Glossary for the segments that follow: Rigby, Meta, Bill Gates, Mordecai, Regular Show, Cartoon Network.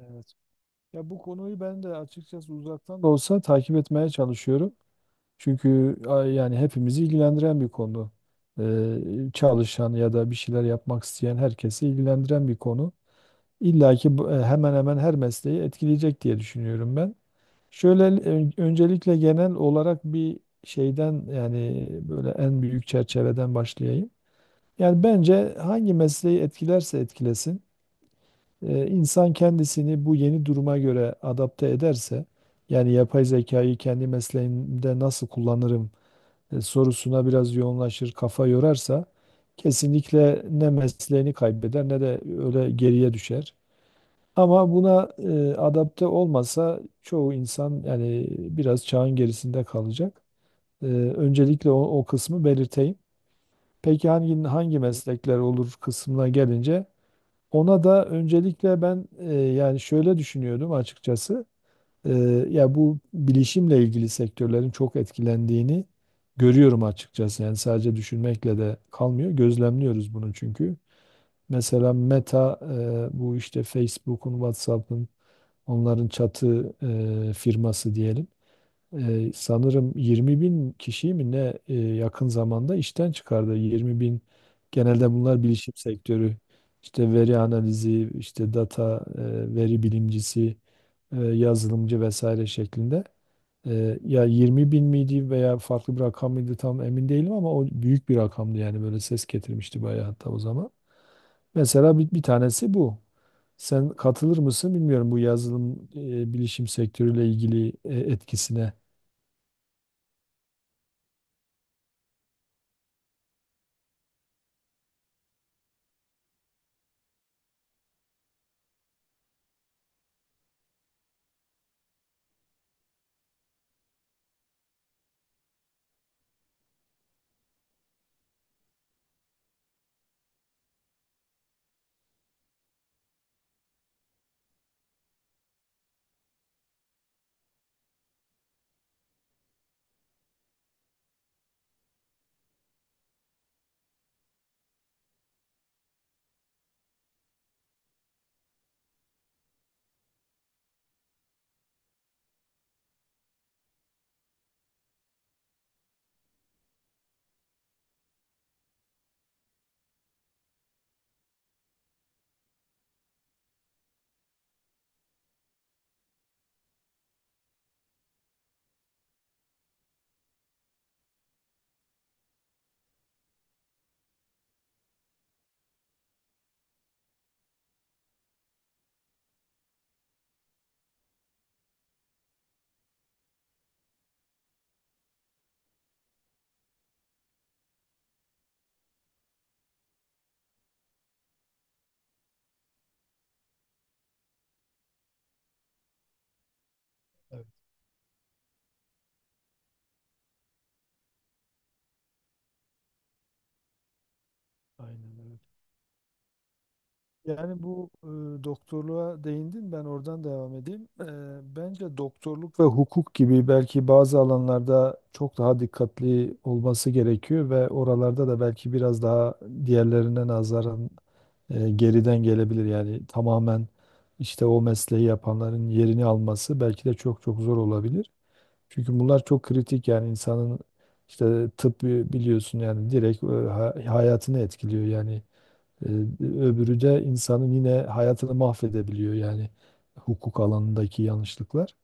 Evet. Ya bu konuyu ben de açıkçası uzaktan da olsa takip etmeye çalışıyorum. Çünkü yani hepimizi ilgilendiren bir konu. Ee, çalışan ya da bir şeyler yapmak isteyen herkesi ilgilendiren bir konu. İlla ki hemen hemen her mesleği etkileyecek diye düşünüyorum ben. Şöyle öncelikle genel olarak bir şeyden yani böyle en büyük çerçeveden başlayayım. Yani bence hangi mesleği etkilerse etkilesin insan kendisini bu yeni duruma göre adapte ederse, yani yapay zekayı kendi mesleğimde nasıl kullanırım sorusuna biraz yoğunlaşır, kafa yorarsa kesinlikle ne mesleğini kaybeder ne de öyle geriye düşer. Ama buna adapte olmasa çoğu insan yani biraz çağın gerisinde kalacak. E, öncelikle o kısmı belirteyim. Peki hangi meslekler olur kısmına gelince ona da öncelikle ben yani şöyle düşünüyordum açıkçası. E, ya bu bilişimle ilgili sektörlerin çok etkilendiğini görüyorum açıkçası. Yani sadece düşünmekle de kalmıyor. Gözlemliyoruz bunu çünkü. Mesela Meta bu işte Facebook'un, WhatsApp'ın onların çatı firması diyelim, sanırım 20 bin kişiyi mi ne yakın zamanda işten çıkardı. 20 bin, genelde bunlar bilişim sektörü. İşte veri analizi, işte data, veri bilimcisi, yazılımcı vesaire şeklinde. Ya 20 bin miydi veya farklı bir rakam mıydı tam emin değilim ama o büyük bir rakamdı yani böyle ses getirmişti bayağı hatta o zaman. Mesela bir, bir tanesi bu. Sen katılır mısın bilmiyorum bu yazılım, bilişim sektörüyle ilgili etkisine. Aynen evet. Yani bu, doktorluğa değindin, ben oradan devam edeyim. Bence doktorluk ve hukuk gibi belki bazı alanlarda çok daha dikkatli olması gerekiyor ve oralarda da belki biraz daha diğerlerine nazaran geriden gelebilir. Yani tamamen işte o mesleği yapanların yerini alması belki de çok zor olabilir. Çünkü bunlar çok kritik yani insanın işte tıp biliyorsun yani direkt hayatını etkiliyor yani. Ee, Öbürü de insanın yine hayatını mahvedebiliyor yani hukuk alanındaki yanlışlıklar.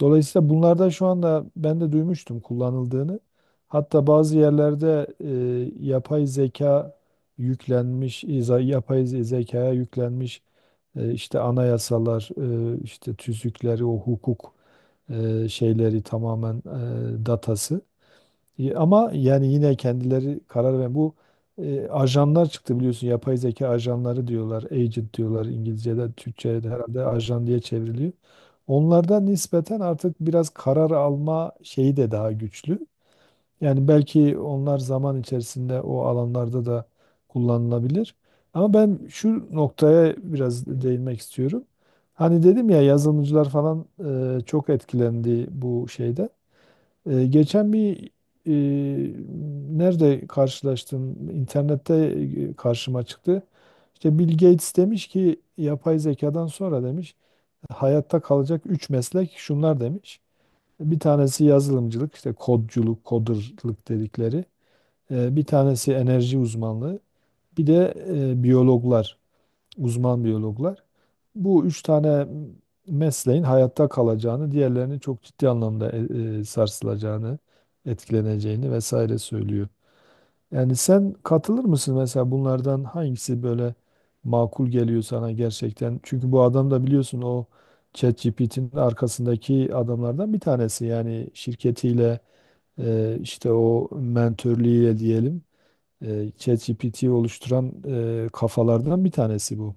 Dolayısıyla bunlardan şu anda ben de duymuştum kullanıldığını. Hatta bazı yerlerde yapay zeka yüklenmiş, zekaya yüklenmiş işte anayasalar, işte tüzükleri, o hukuk şeyleri tamamen datası. Ama yani yine kendileri karar ve bu ajanlar çıktı biliyorsun, yapay zeka ajanları diyorlar, agent diyorlar İngilizce'de, Türkçe'de herhalde ajan diye çevriliyor. Onlardan nispeten artık biraz karar alma şeyi de daha güçlü. Yani belki onlar zaman içerisinde o alanlarda da kullanılabilir. Ama ben şu noktaya biraz değinmek istiyorum. Hani dedim ya yazılımcılar falan çok etkilendi bu şeyden. Geçen bir, e, nerede karşılaştım? İnternette karşıma çıktı. İşte Bill Gates demiş ki yapay zekadan sonra demiş, hayatta kalacak 3 meslek şunlar demiş. Bir tanesi yazılımcılık, işte kodculuk, coderlık dedikleri. Bir tanesi enerji uzmanlığı, bir de biyologlar, uzman biyologlar. Bu üç tane mesleğin hayatta kalacağını, diğerlerinin çok ciddi anlamda sarsılacağını, etkileneceğini vesaire söylüyor. Yani sen katılır mısın mesela bunlardan hangisi böyle makul geliyor sana gerçekten? Çünkü bu adam da biliyorsun o ChatGPT'nin arkasındaki adamlardan bir tanesi. Yani şirketiyle, işte o mentörlüğüyle diyelim, ChatGPT'yi oluşturan kafalardan bir tanesi bu.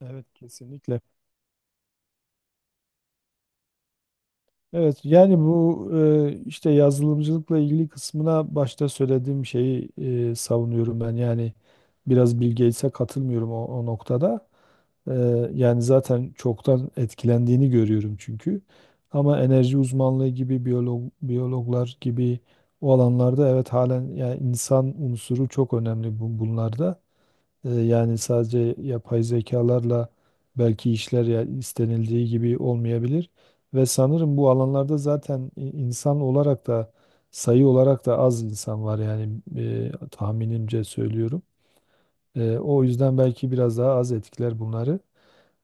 Evet kesinlikle. Evet yani bu, işte yazılımcılıkla ilgili kısmına başta söylediğim şeyi savunuyorum ben. Yani biraz Bill Gates'e katılmıyorum o noktada. Yani zaten çoktan etkilendiğini görüyorum çünkü. Ama enerji uzmanlığı gibi biyolog, biyologlar gibi o alanlarda evet halen yani insan unsuru çok önemli bunlarda. Yani sadece yapay zekalarla belki işler ya istenildiği gibi olmayabilir. Ve sanırım bu alanlarda zaten insan olarak da sayı olarak da az insan var yani tahminimce söylüyorum. O yüzden belki biraz daha az etkiler bunları.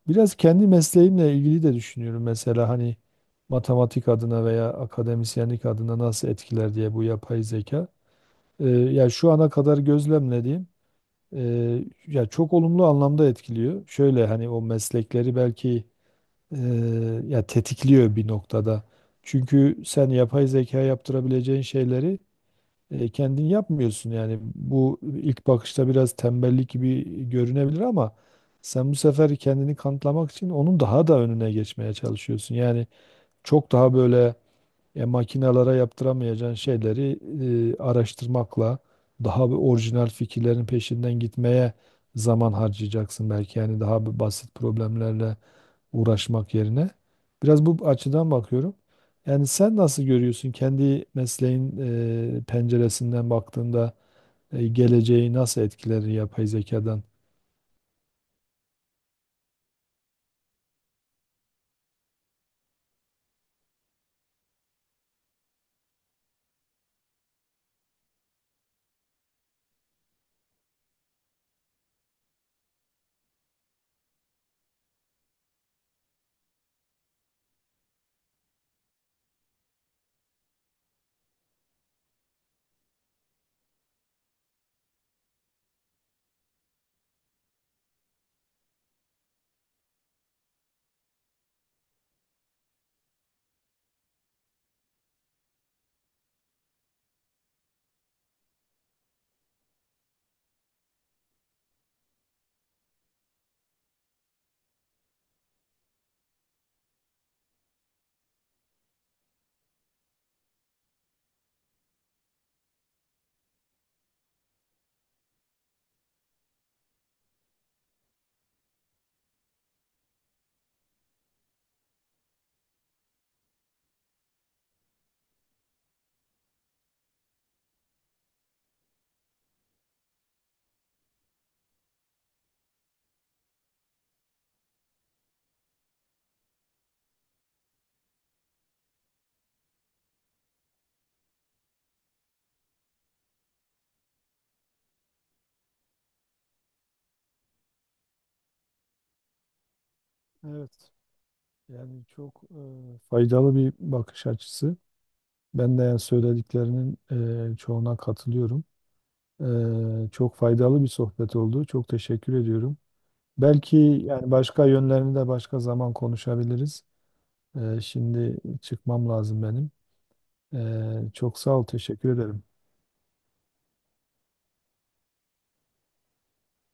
Biraz kendi mesleğimle ilgili de düşünüyorum mesela hani matematik adına veya akademisyenlik adına nasıl etkiler diye bu yapay zeka. Ya şu ana kadar gözlemlediğim ya çok olumlu anlamda etkiliyor. Şöyle hani o meslekleri belki e, ya tetikliyor bir noktada. Çünkü sen yapay zeka yaptırabileceğin şeyleri kendin yapmıyorsun yani bu ilk bakışta biraz tembellik gibi görünebilir ama sen bu sefer kendini kanıtlamak için onun daha da önüne geçmeye çalışıyorsun. Yani çok daha böyle makinalara yaptıramayacağın şeyleri araştırmakla daha bir orijinal fikirlerin peşinden gitmeye zaman harcayacaksın belki yani daha bir basit problemlerle uğraşmak yerine. Biraz bu açıdan bakıyorum. Yani sen nasıl görüyorsun kendi mesleğin penceresinden baktığında geleceği nasıl etkiler yapay zekadan? Evet. Yani çok faydalı bir bakış açısı. Ben de yani söylediklerinin çoğuna katılıyorum. Çok faydalı bir sohbet oldu. Çok teşekkür ediyorum. Belki yani başka yönlerini de başka zaman konuşabiliriz. Şimdi çıkmam lazım benim. Çok sağ ol, teşekkür ederim.